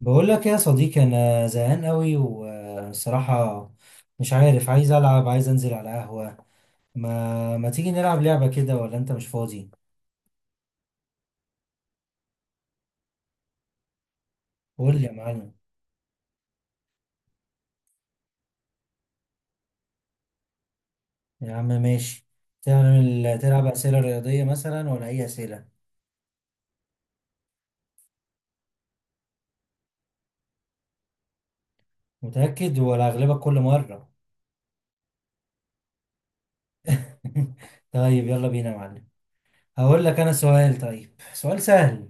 بقول لك يا صديقي، انا زهقان قوي والصراحه مش عارف، عايز العب عايز انزل على قهوه. ما تيجي نلعب لعبه كده، ولا انت مش فاضي؟ قول لي يا معلم. يا عم ماشي. تعمل تلعب اسئله رياضيه مثلا، ولا اي اسئله؟ متاكد ولا اغلبك كل مره؟ طيب يلا بينا يا معلم. هقول لك انا سؤال، طيب سؤال سهل.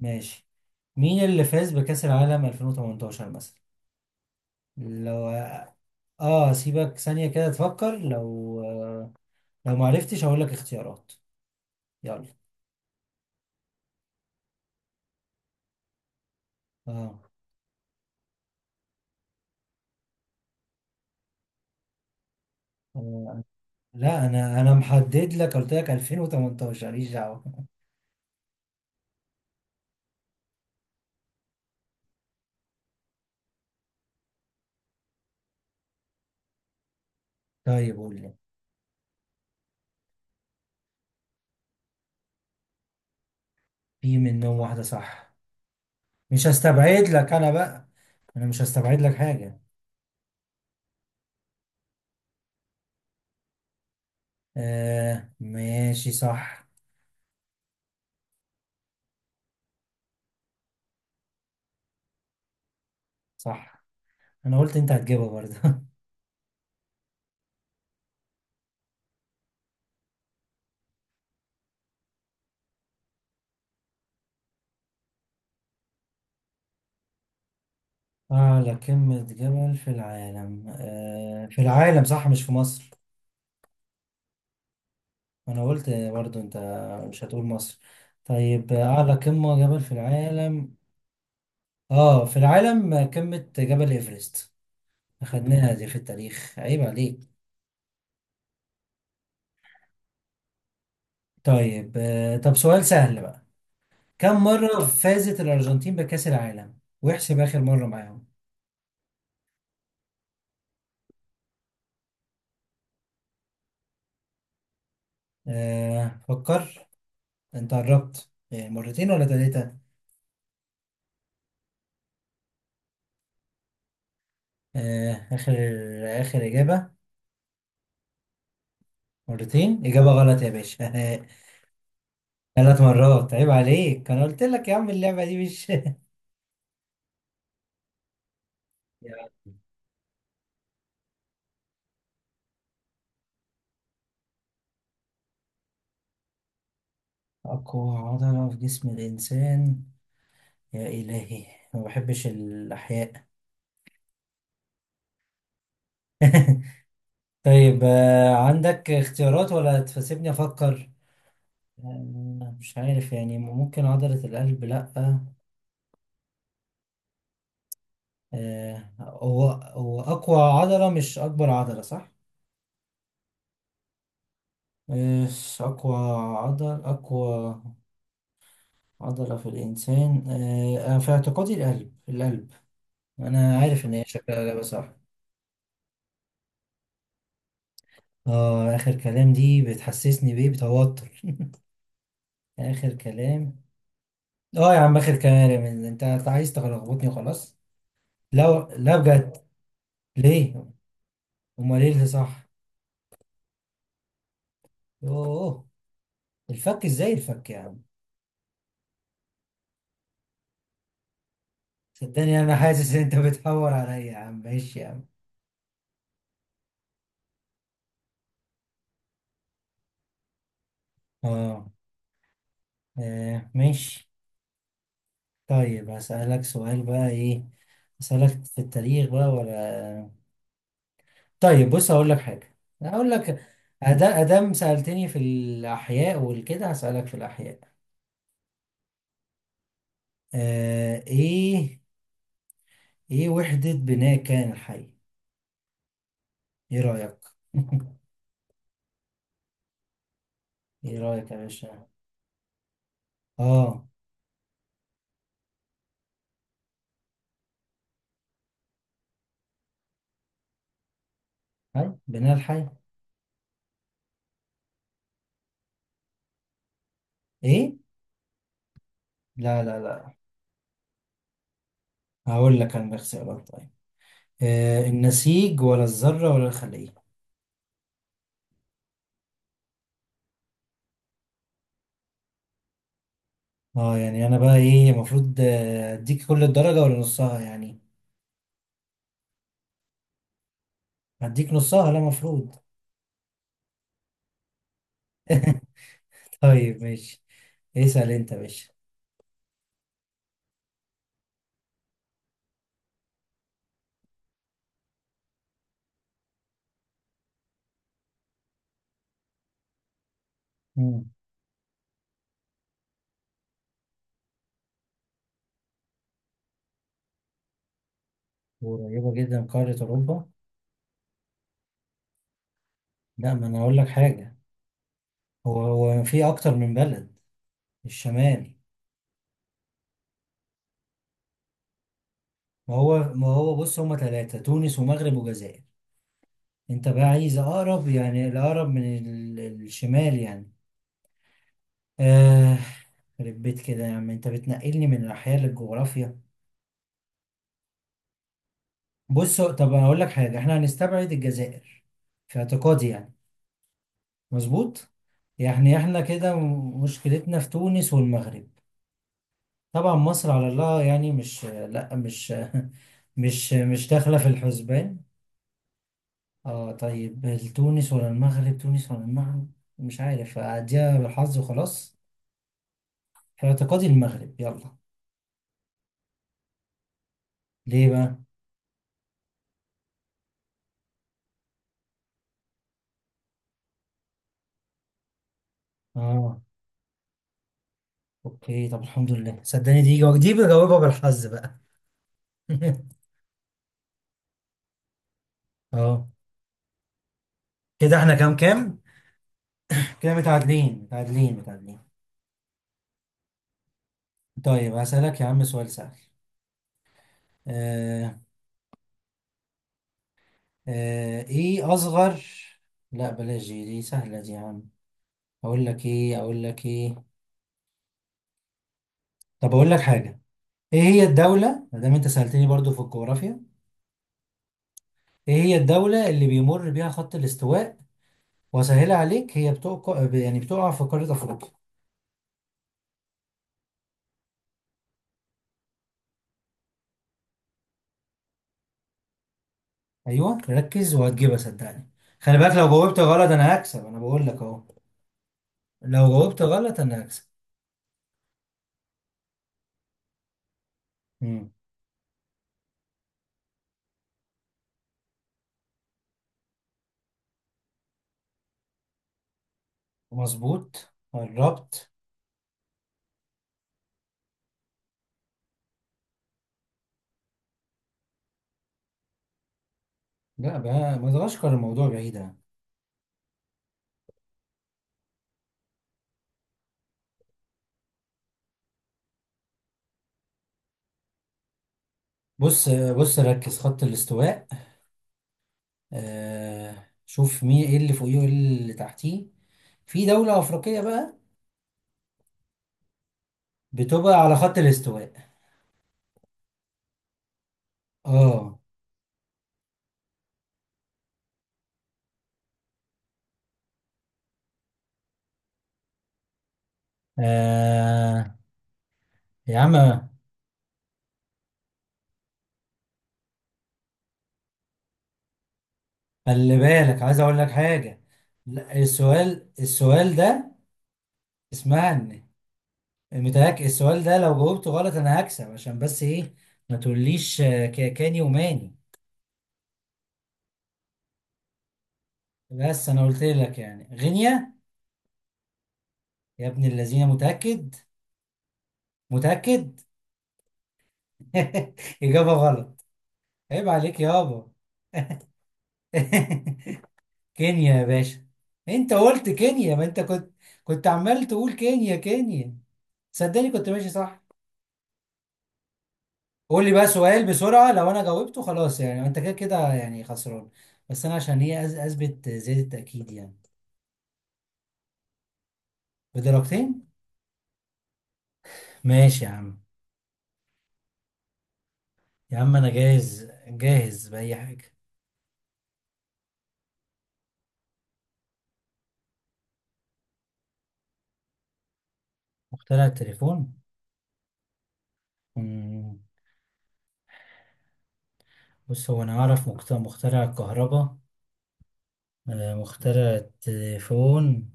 ماشي، مين اللي فاز بكأس العالم 2018 مثلا؟ لو اه، سيبك ثانية كده تفكر. لو لو ما عرفتش هقول لك اختيارات. يلا. اه. آه، لا، انا محدد لك، قلت لك 2018، ماليش دعوه. طيب قول لي. في منهم واحده صح. مش هستبعد لك انا بقى، انا مش هستبعد لك حاجه. آه ماشي، صح. صح. انا قلت انت هتجيبها برضه. اعلى قمه جبل في العالم، في العالم صح، مش في مصر؟ انا قلت برضه انت مش هتقول مصر. طيب، اعلى قمه جبل في العالم؟ اه، في العالم قمة جبل ايفرست. اخدناها دي في التاريخ، عيب عليك. طيب طب سؤال سهل بقى. كم مرة فازت الأرجنتين بكأس العالم، واحسب آخر مرة معاهم. آه فكر. انت قربت. مرتين ولا ثلاثة؟ آه آخر، آخر إجابة. مرتين، إجابة غلط يا باشا. ثلاث مرات، عيب عليك. أنا قلت لك يا عم اللعبة دي مش يعني أقوى عضلة في جسم الإنسان. يا إلهي، ما بحبش الأحياء. طيب عندك اختيارات ولا تسيبني افكر؟ مش عارف يعني، ممكن عضلة القلب؟ لأ، هو أقوى عضلة، مش أكبر عضلة صح؟ آه، أقوى أقوى عضلة في الإنسان، أنا في اعتقادي القلب، القلب. أنا عارف إن هي شكلها إجابة صح. آه، آخر كلام دي بتحسسني بإيه، بتوتر. آخر كلام. آه يا عم آخر كلام، أنت عايز تلخبطني وخلاص. لا لا بجد. ليه؟ امال ايه اللي صح؟ يوه، الفك؟ ازاي الفك يا عم؟ صدقني انا حاسس ان انت بتحور عليا. يا عم ماشي يا عم. اه، ماشي. طيب هسألك سؤال بقى، ايه؟ هسألك في التاريخ بقى، ولا طيب بص هقول لك حاجة. هقول لك ادام سألتني في الاحياء والكده، هسألك في الاحياء. آه ايه، ايه وحدة بناء كان الحي؟ ايه رأيك؟ ايه رأيك يا باشا؟ اه، ها بناء الحي؟ ايه؟ لا. هقول لك انا الاختيارات، طيب. آه، النسيج ولا الذرة ولا الخلية؟ اه يعني انا بقى ايه المفروض، اديك كل الدرجة ولا نصها يعني؟ هديك نصها، لا مفروض. طيب ماشي، اسأل انت يا باشا. مم. قريبة جدا من قارة اوروبا؟ لا، ما انا اقول لك حاجة. هو في اكتر من بلد الشمال. ما هو بص، هما ثلاثة: تونس ومغرب وجزائر. انت بقى عايز اقرب، يعني الاقرب من الشمال يعني. آه. خرب بيت كده يا عم، انت بتنقلني من الأحياء للجغرافيا. بص طب أقول لك حاجة، احنا هنستبعد الجزائر، في اعتقادي يعني. مظبوط. يعني احنا كده مشكلتنا في تونس والمغرب. طبعا مصر على الله يعني، مش لا مش مش مش داخلة في الحسبان. اه طيب، تونس ولا المغرب؟ تونس ولا المغرب؟ مش عارف، أديها بالحظ وخلاص. في اعتقادي المغرب، يلا. ليه بقى؟ اه. اوكي، طب الحمد لله. صدقني دي دي بجاوبها بالحظ بقى. اه. كده احنا كام كام؟ كده متعادلين. طيب هسألك يا عم سؤال سهل. آه. آه ايه اصغر، لا بلاش دي، سهلة دي يا عم. اقول لك ايه، اقول لك ايه، طب اقول لك حاجة. ايه هي الدولة، ما دام انت سألتني برضو في الجغرافيا. ايه هي الدولة اللي بيمر بيها خط الاستواء؟ وسهلة عليك، هي بتقع يعني بتقع في قارة افريقيا. ايوه ركز وهتجيبها صدقني. خلي بالك، لو جاوبت غلط انا هكسب، انا بقول لك اهو. لو جاوبت غلط انا هكسب. امم. مظبوط، قربت. لا بقى، ما تغشكر، الموضوع بعيد يعني. بص ركز خط الاستواء. آه شوف مين ايه اللي فوقيه وايه اللي تحتيه. في دولة أفريقية بقى بتبقى على خط الاستواء. اه. آه، يا عم خلي بالك، عايز اقول لك حاجة. لا، السؤال ده اسمعني. متهيألك السؤال ده لو جاوبته غلط انا هكسب، عشان بس ايه ما تقوليش، كاني وماني. بس انا قلت لك يعني غينيا. يا ابن الذين متأكد؟ متأكد. إجابة غلط، عيب عليك يابا. كينيا يا باشا. انت قلت كينيا، ما انت كنت، كنت عمال تقول كينيا كينيا. صدقني كنت ماشي صح. قول لي بقى سؤال بسرعة، لو انا جاوبته خلاص يعني انت كده كده يعني خسران. بس انا عشان ايه اثبت زيادة التأكيد يعني. بدرجتين؟ ماشي يا عم. يا عم انا جاهز، جاهز بأي حاجة. مخترع التليفون؟ مم. بص هو انا اعرف مخترع الكهرباء. آه، مخترع التليفون.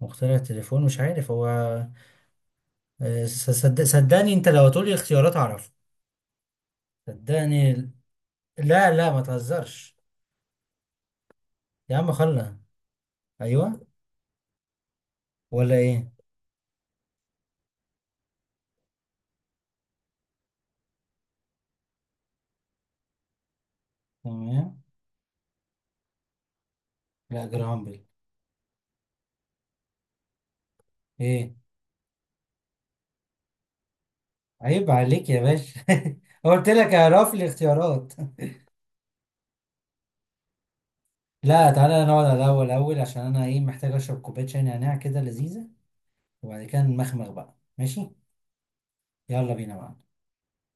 مخترع التليفون مش عارف هو. آه، صدقني انت لو هتقولي اختيارات اعرف. صدقني، لا لا ما تهزرش. يا عم خلنا. ايوه. ولا ايه؟ تمام. لا، جرام بيل. ايه؟ عيب عليك يا باشا. قلت لك اعرف لي اختيارات. لا، تعالى نقعد على الأول الأول، عشان أنا إيه محتاج أشرب كوباية شاي نعناع كده لذيذة، وبعد كده نمخمخ بقى ماشي. يلا بينا بقى.